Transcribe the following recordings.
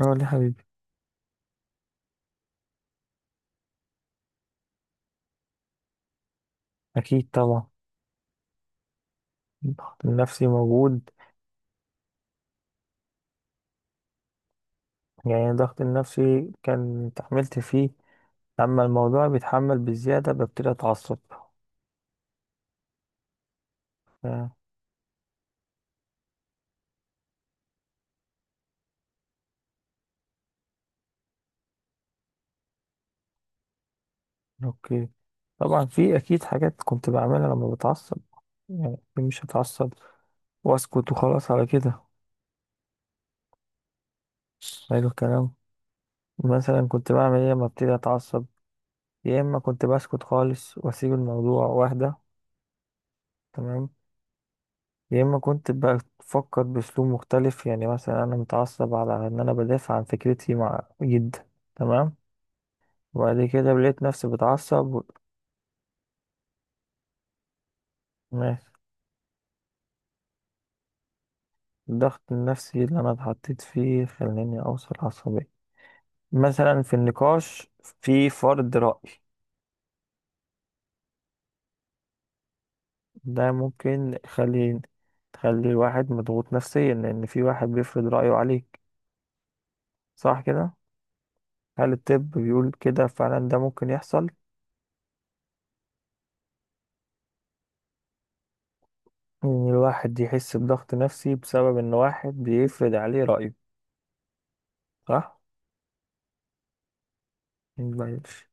اه، ليه حبيبي؟ اكيد طبعا. الضغط النفسي موجود. يعني الضغط النفسي كان اتحملت فيه، اما الموضوع بيتحمل بزياده ببتدي اتعصب. آه. اوكي. طبعا في اكيد حاجات كنت بعملها لما بتعصب، يعني مش هتعصب واسكت وخلاص على كده. حلو الكلام. مثلا كنت بعمل ايه لما ابتدي اتعصب؟ يا اما كنت بسكت خالص واسيب الموضوع واهدى. تمام. يا اما كنت بقى بفكر باسلوب مختلف، يعني مثلا انا متعصب على ان انا بدافع عن فكرتي مع جدا. تمام. وبعد كده لقيت نفسي بتعصب ماشي. الضغط النفسي اللي انا اتحطيت فيه خلاني اوصل عصبية، مثلا في النقاش، في فرض رأي. ده ممكن يخلي، تخلي الواحد مضغوط نفسيا لان في واحد بيفرض رأيه عليك. صح كده؟ هل الطب بيقول كده فعلا؟ ده ممكن يحصل إن الواحد يحس بضغط نفسي بسبب إن واحد بيفرض عليه رأيه، صح؟ مبينش.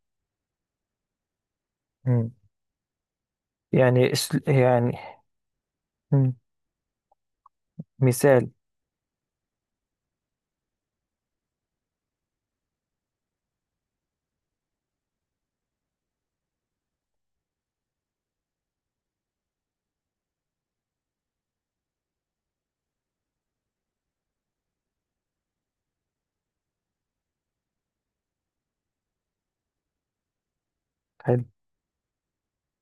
مم. يعني. مم. مثال. حلو.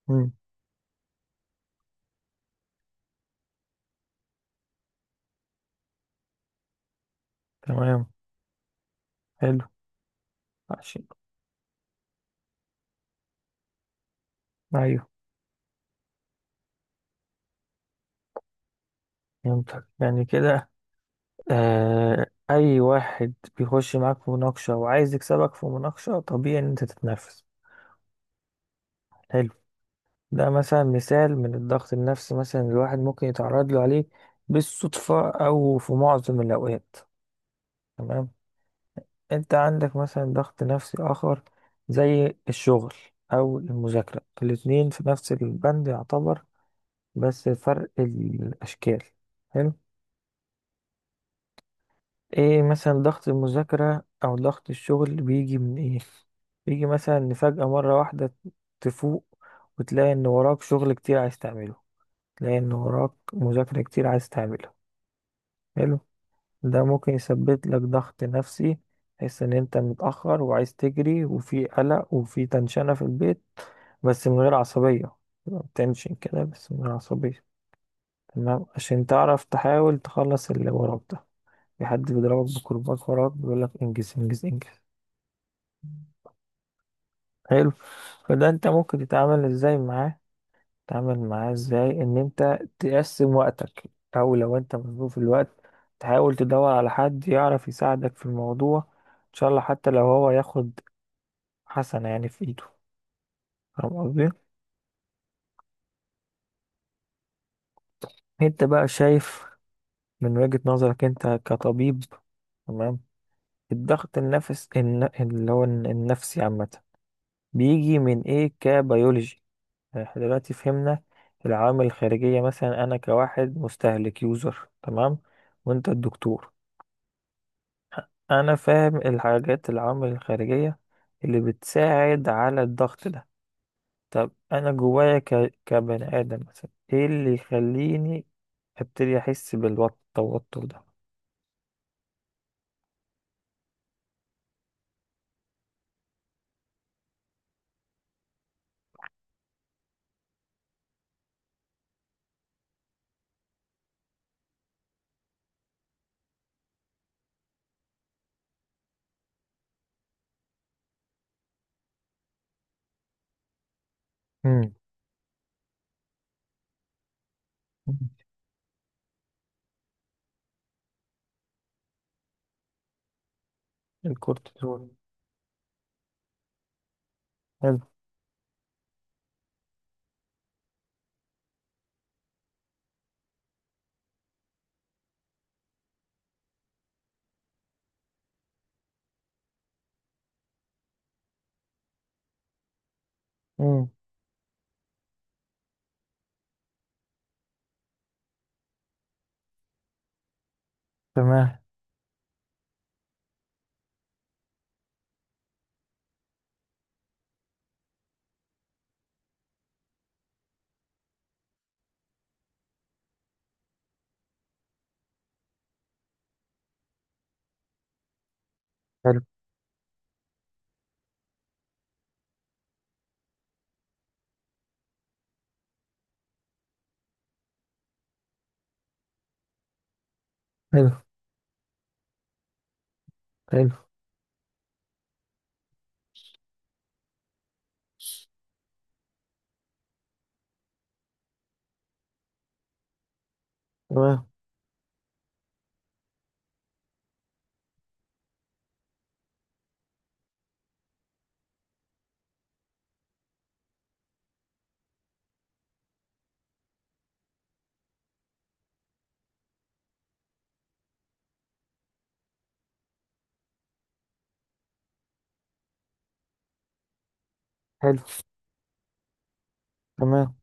مم. تمام. حلو. عشان. أيوه. فهمتك يعني كده. أي واحد بيخش معاك في مناقشة وعايز يكسبك في مناقشة، طبيعي إن أنت تتنافس. حلو. ده مثلا مثال من الضغط النفسي، مثلا الواحد ممكن يتعرض له عليه بالصدفة أو في معظم الأوقات. تمام. انت عندك مثلا ضغط نفسي اخر زي الشغل او المذاكرة، الاتنين في نفس البند يعتبر، بس فرق الاشكال. حلو. ايه مثلا ضغط المذاكرة او ضغط الشغل بيجي من ايه؟ بيجي مثلا ان فجأة مرة واحدة تفوق وتلاقي ان وراك شغل كتير عايز تعمله، تلاقي ان وراك مذاكرة كتير عايز تعملها. حلو. ده ممكن يسبب لك ضغط نفسي. تحس ان انت متأخر وعايز تجري وفي قلق وفي تنشنة في البيت، بس من غير عصبية. تبقى بتنشن كده بس من غير عصبية. تمام. عشان تعرف تحاول تخلص اللي وراك ده، في حد بيضربك بكرباج وراك بيقولك انجز انجز انجز. حلو. فده انت ممكن تتعامل ازاي معاه؟ تعمل معاه ازاي ان انت تقسم وقتك، او لو انت مظلوم في الوقت تحاول تدور على حد يعرف يساعدك في الموضوع، ان شاء الله حتى لو هو ياخد حسنة يعني في ايده. فاهم قصدي؟ انت بقى شايف من وجهة نظرك انت كطبيب، تمام، الضغط اللي هو النفسي عامة بيجي من ايه كبيولوجي؟ يعني احنا دلوقتي فهمنا العوامل الخارجية، مثلا انا كواحد مستهلك يوزر تمام وانت الدكتور. انا فاهم الحاجات، العوامل الخارجية اللي بتساعد على الضغط ده. طب انا جوايا كبني ادم مثلا ايه اللي يخليني ابتدي احس بالتوتر ده؟ امم. الكورتيزول. حلو. امم. تمام. حلو. حلو. حلو. تمام. حلو. تمام.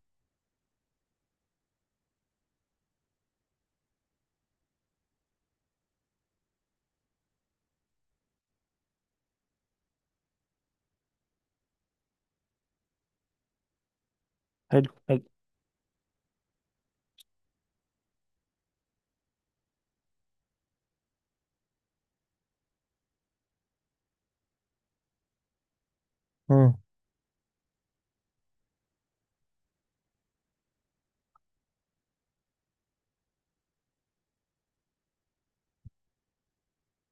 حلو. حلو. امم.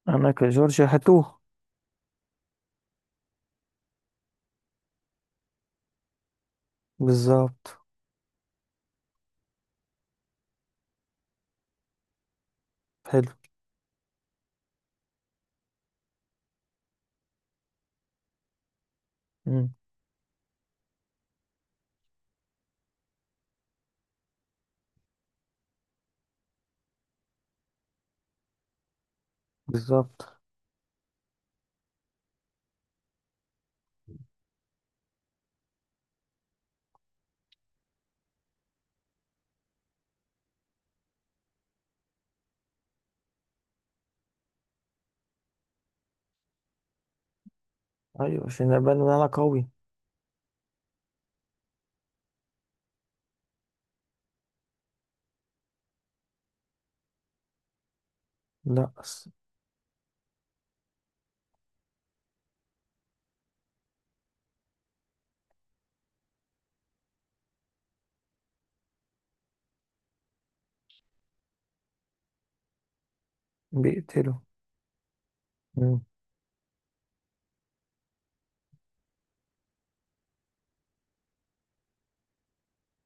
انا كجورج هتوه. بالظبط. حلو. امم. بالظبط. ايوه عشان ابان ان انا قوي. لا بس. بيقتله.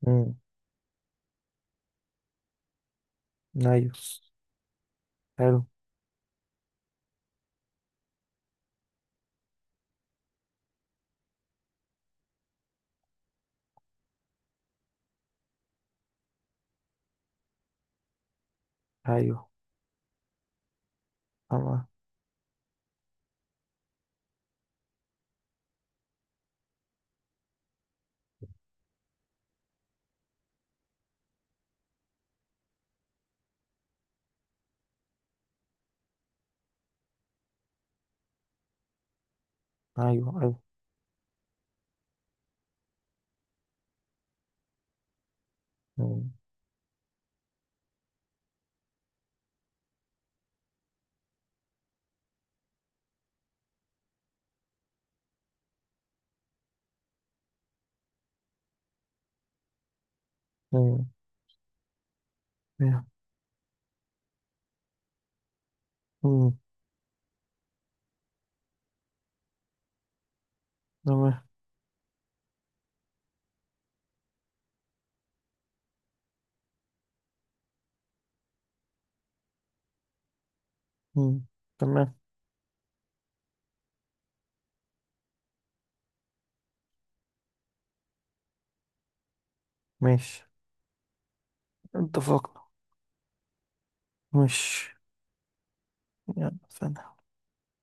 امم. ايوه. حلو. ايوه. تمام. ايوه ايوه. مم. مم. مم. مم. تمام. مم. تمام. ماشي. اتفقنا. ماشي. يلا سلام.